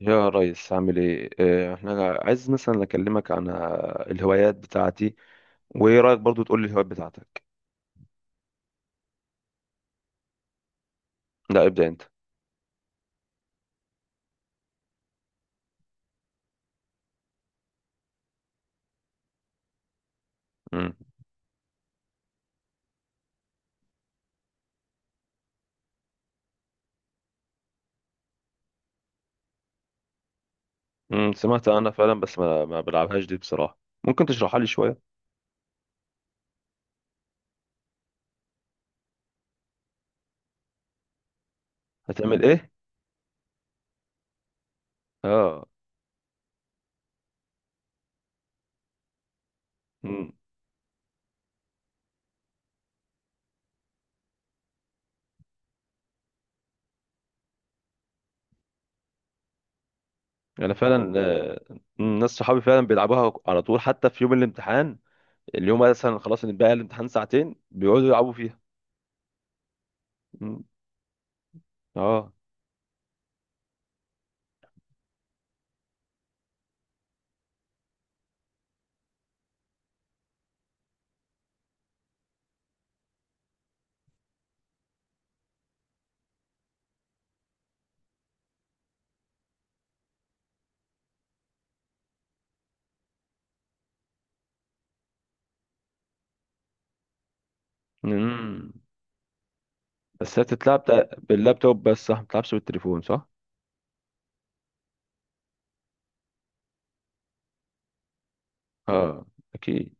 يا ريس، عامل ايه؟ احنا عايز مثلا اكلمك عن الهوايات بتاعتي. وايه رايك برضو تقول لي الهوايات بتاعتك؟ لا، ابدا انت. مم. سمعت انا فعلا، بس ما بلعبهاش دي بصراحه. ممكن تشرحها لي شويه؟ هتعمل ايه؟ اه. مم. انا فعلا ناس صحابي فعلا بيلعبوها على طول، حتى في يوم الامتحان. اليوم مثلا خلاص، إن بقى الامتحان ساعتين بيقعدوا يلعبوا فيها. مم. اه. مم. بس هي بتتلعب باللابتوب بس، صح؟ ما بتلعبش بالتليفون، صح؟ اه، اكيد.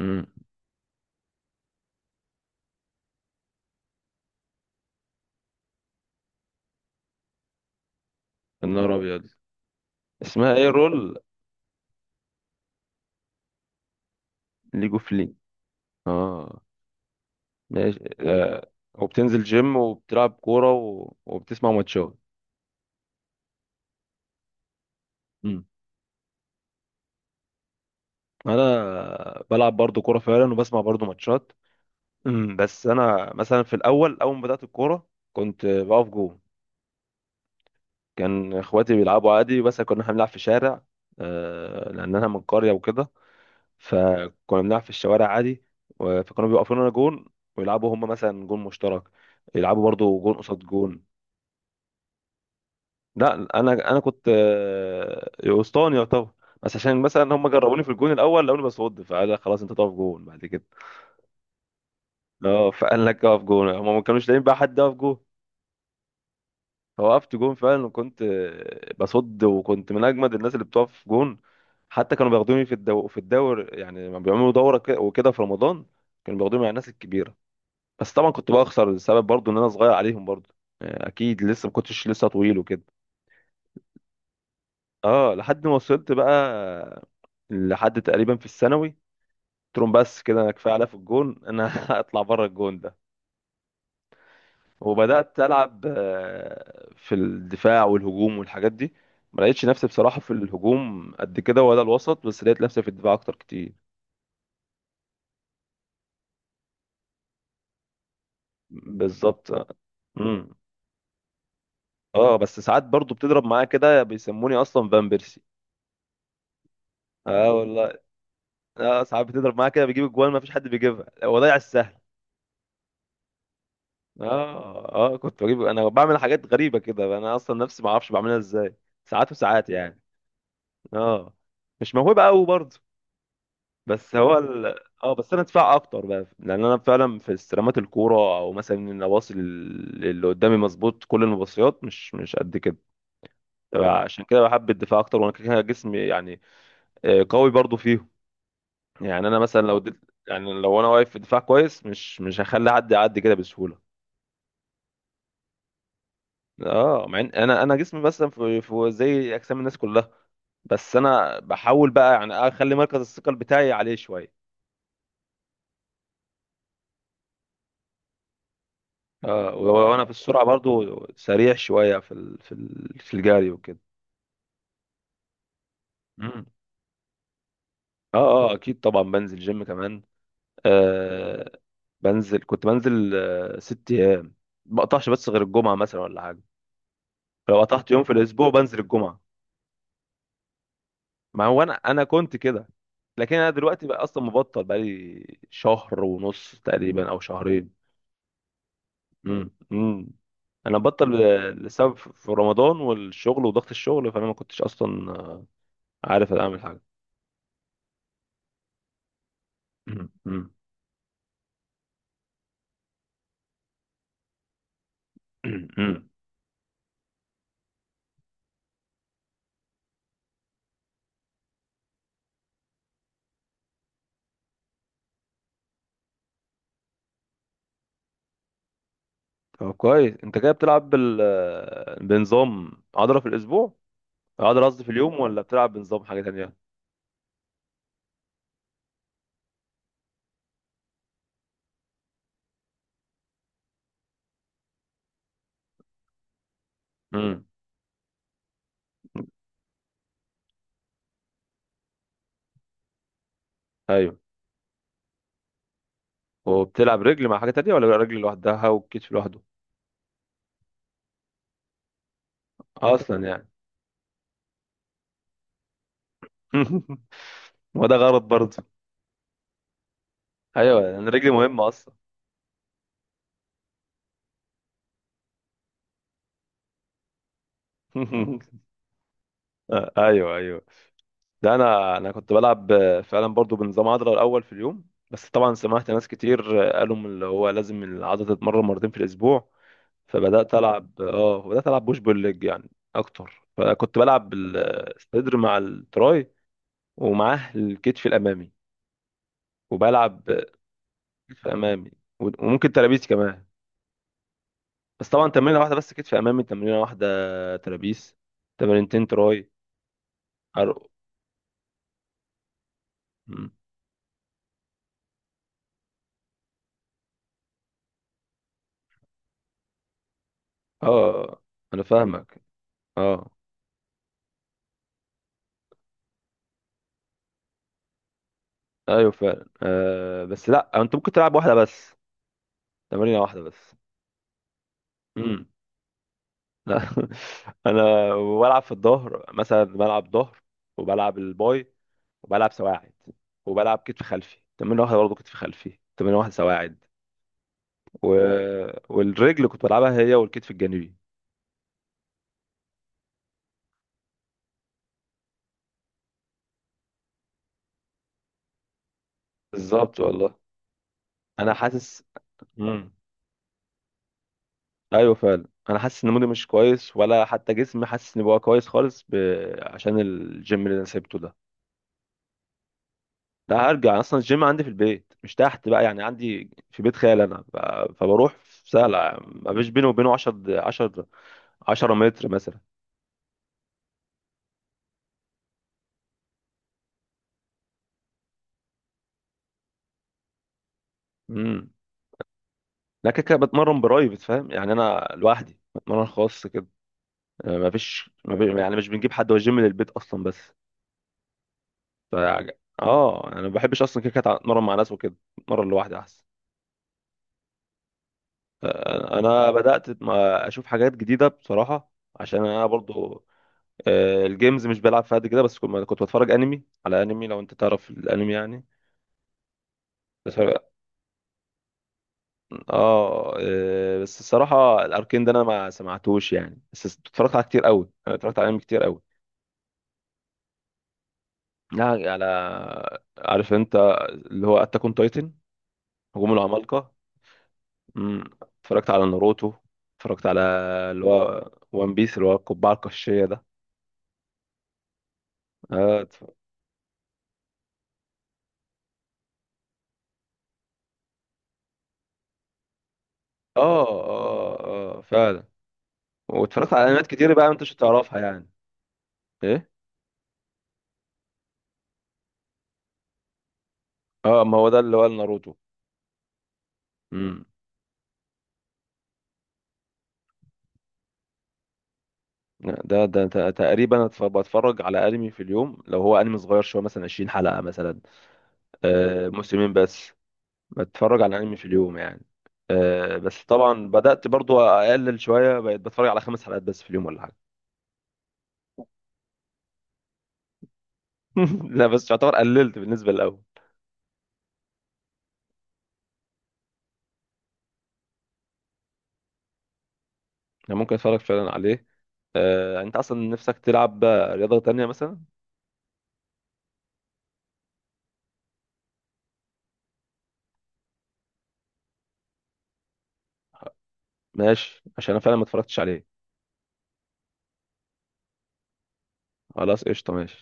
امم. النار ابيض. اسمها ايه؟ رول؟ ليج اوف لي. اه، ماشي. وبتنزل جيم وبتلعب كوره و... وبتسمع ماتشات. امم. انا بلعب برضو كوره فعلا، وبسمع برضو ماتشات. بس انا مثلا في الاول، اول ما بدات الكوره كنت بقف جول. كان اخواتي بيلعبوا عادي، بس كنا إحنا بنلعب في شارع. لان انا من قريه وكده. فكنا بنلعب في الشوارع عادي. فكانوا بيوقفونا جون. ويلعبوا هم مثلا جون مشترك. يلعبوا برضو جون قصاد جون. لا. انا كنت اسطواني يعتبر. بس عشان مثلا هم جربوني في الجون الاول، لقوني بصد، فقال لك خلاص انت تقف جون بعد كده. اه، فقال لك اقف جون، هم ما كانوش لاقيين بقى حد يقف جون. فوقفت جون فعلا، وكنت بصد، وكنت من اجمد الناس اللي بتقف جون. حتى كانوا بياخدوني في الدور، يعني لما بيعملوا دوره وكده في رمضان. كانوا بياخدوني مع الناس الكبيره. بس طبعا كنت بخسر، السبب برضو ان انا صغير عليهم برضو. اكيد لسه ما كنتش لسه طويل وكده. اه، لحد ما وصلت بقى، لحد تقريبا في الثانوي. قلت لهم بس كده، انا كفايه عليا في الجون، انا هطلع بره الجون ده. وبدات العب في الدفاع والهجوم والحاجات دي. ما لقيتش نفسي بصراحه في الهجوم قد كده ولا الوسط، بس لقيت نفسي في الدفاع اكتر كتير. بالظبط. امم. اه، بس ساعات برضو بتضرب معايا كده، بيسموني اصلا فان بيرسي. اه والله. اه، ساعات بتضرب معايا كده بجيب الجوان، ما فيش حد بيجيبها، هو ضيع السهل. اه، اه. كنت بجيب، انا بعمل حاجات غريبه كده، انا اصلا نفسي ما اعرفش بعملها ازاي، ساعات وساعات يعني. اه. مش موهبه قوي برضه. بس هو ال... اه، بس انا ادفع اكتر بقى لان انا فعلا في استلامات الكوره، او مثلا ان اباصي اللي قدامي مظبوط، كل المباصيات مش قد كده. عشان كده بحب الدفاع اكتر، وانا كده كده جسمي يعني، قوي برضه فيهم. يعني انا مثلا لو دل... يعني لو انا واقف في دفاع كويس، مش هخلي حد يعدي كده بسهوله. اه، مع ان انا جسمي مثلا في... في زي اجسام الناس كلها. بس انا بحاول بقى يعني اخلي مركز الثقل بتاعي عليه شويه. اه، ولو انا في السرعه برضو سريع شويه في الجري وكده. مم. اه، اه، اكيد طبعا بنزل جيم كمان. آه بنزل كنت بنزل آه 6 ايام. ما بقطعش، بس غير الجمعه مثلا ولا حاجه. لو قطعت يوم في الاسبوع بنزل الجمعه. ما هو انا كنت كده. لكن انا دلوقتي بقى اصلا مبطل بقالي شهر ونص تقريبا، او شهرين. مم. مم. انا بطل لسبب في رمضان والشغل وضغط الشغل، فانا ما كنتش اصلا عارف اعمل حاجه. مم. مم. مم. مم. طب كويس، انت كده بتلعب بنظام عضلة في الأسبوع، عضلة قصدي في اليوم، ولا بتلعب بنظام حاجة تانية؟ امم. ايوه، وبتلعب رجل مع حاجة تانية، ولا رجل لوحدها والكتف لوحده؟ أصلا يعني. وده غلط برضه. أيوه يعني، رجلي مهمة أصلا. ايوه، ايوه. ده انا كنت بلعب فعلا برضو بنظام عضله الاول في اليوم. بس طبعا سمعت ناس كتير قالوا من اللي هو لازم العضله تتمرن مرتين في الاسبوع. فبدات العب اه بدات العب بوش بول ليج يعني اكتر. فكنت بلعب الصدر مع التراي، ومعاه الكتف الامامي. وبلعب كتف امامي، وممكن ترابيس كمان. بس طبعا تمرينه واحده بس، كتف امامي تمرينه واحده، ترابيس تمرينتين، تراي. عرق. مم. اه، انا فاهمك. اه. ايوه فعلا. بس لا، انت ممكن تلعب واحده بس، تمرينه واحده بس. مم. لا. انا بلعب في الظهر، مثلا بلعب ظهر، وبلعب الباي، وبلعب سواعد. وبلعب كتف خلفي تمرين واحده برضه، كتف خلفي تمرين واحده، سواعد، و... والرجل كنت بلعبها هي والكتف الجانبي. بالظبط والله. انا حاسس. امم. ايوه فعلا، انا حاسس ان مودي مش كويس، ولا حتى جسمي حاسس ان بقى كويس خالص عشان الجيم اللي انا سيبته ده. لا، هرجع اصلا، الجيم عندي في البيت، مش تحت بقى يعني، عندي في بيت خال، انا فبروح في سهله، ما فيش بيني وبينه 10 متر مثلا. امم. لا، كده كده بتمرن برايفت، فاهم يعني؟ انا لوحدي بتمرن خاص كده، ما فيش، ما في يعني مش بنجيب حد، هو الجيم للبيت اصلا بس. ف يعني اه يعني انا ما بحبش اصلا كده كده اتمرن مع ناس وكده، اتمرن لوحدي احسن. انا بدات ما اشوف حاجات جديده بصراحه، عشان انا برضو الجيمز مش بلعب فيها قد كده، بس كنت بتفرج انمي على انمي، لو انت تعرف الانمي يعني. بس اه. بس الصراحه الاركين ده انا ما سمعتوش يعني، بس اتفرجت على كتير قوي، انا اتفرجت على انمي كتير قوي. لا، على، عارف انت اللي هو اتاك اون تايتن، هجوم العمالقه. اتفرجت على ناروتو. اتفرجت على اللي هو وان بيس، اللي هو القبعه القشيه ده. اه. اه. اه. فعلا. واتفرجت على انميات كتير بقى، انت مش هتعرفها يعني. ايه؟ اه، ما هو ده اللي هو ناروتو. امم. ده تقريبا بتفرج على انمي في اليوم، لو هو انمي صغير شويه مثلا 20 حلقه مثلا، موسمين بس. بتفرج على انمي في اليوم يعني. بس طبعا بدات برضو اقلل شويه، بقيت بتفرج على 5 حلقات بس في اليوم ولا حاجه. لا، بس يعتبر قللت بالنسبه للاول. يعني ممكن اتفرج فعلا عليه. انت اصلا نفسك تلعب رياضه تانية مثلا؟ ماشي، عشان انا فعلا ما اتفرجتش عليه. خلاص، قشطه، ماشي.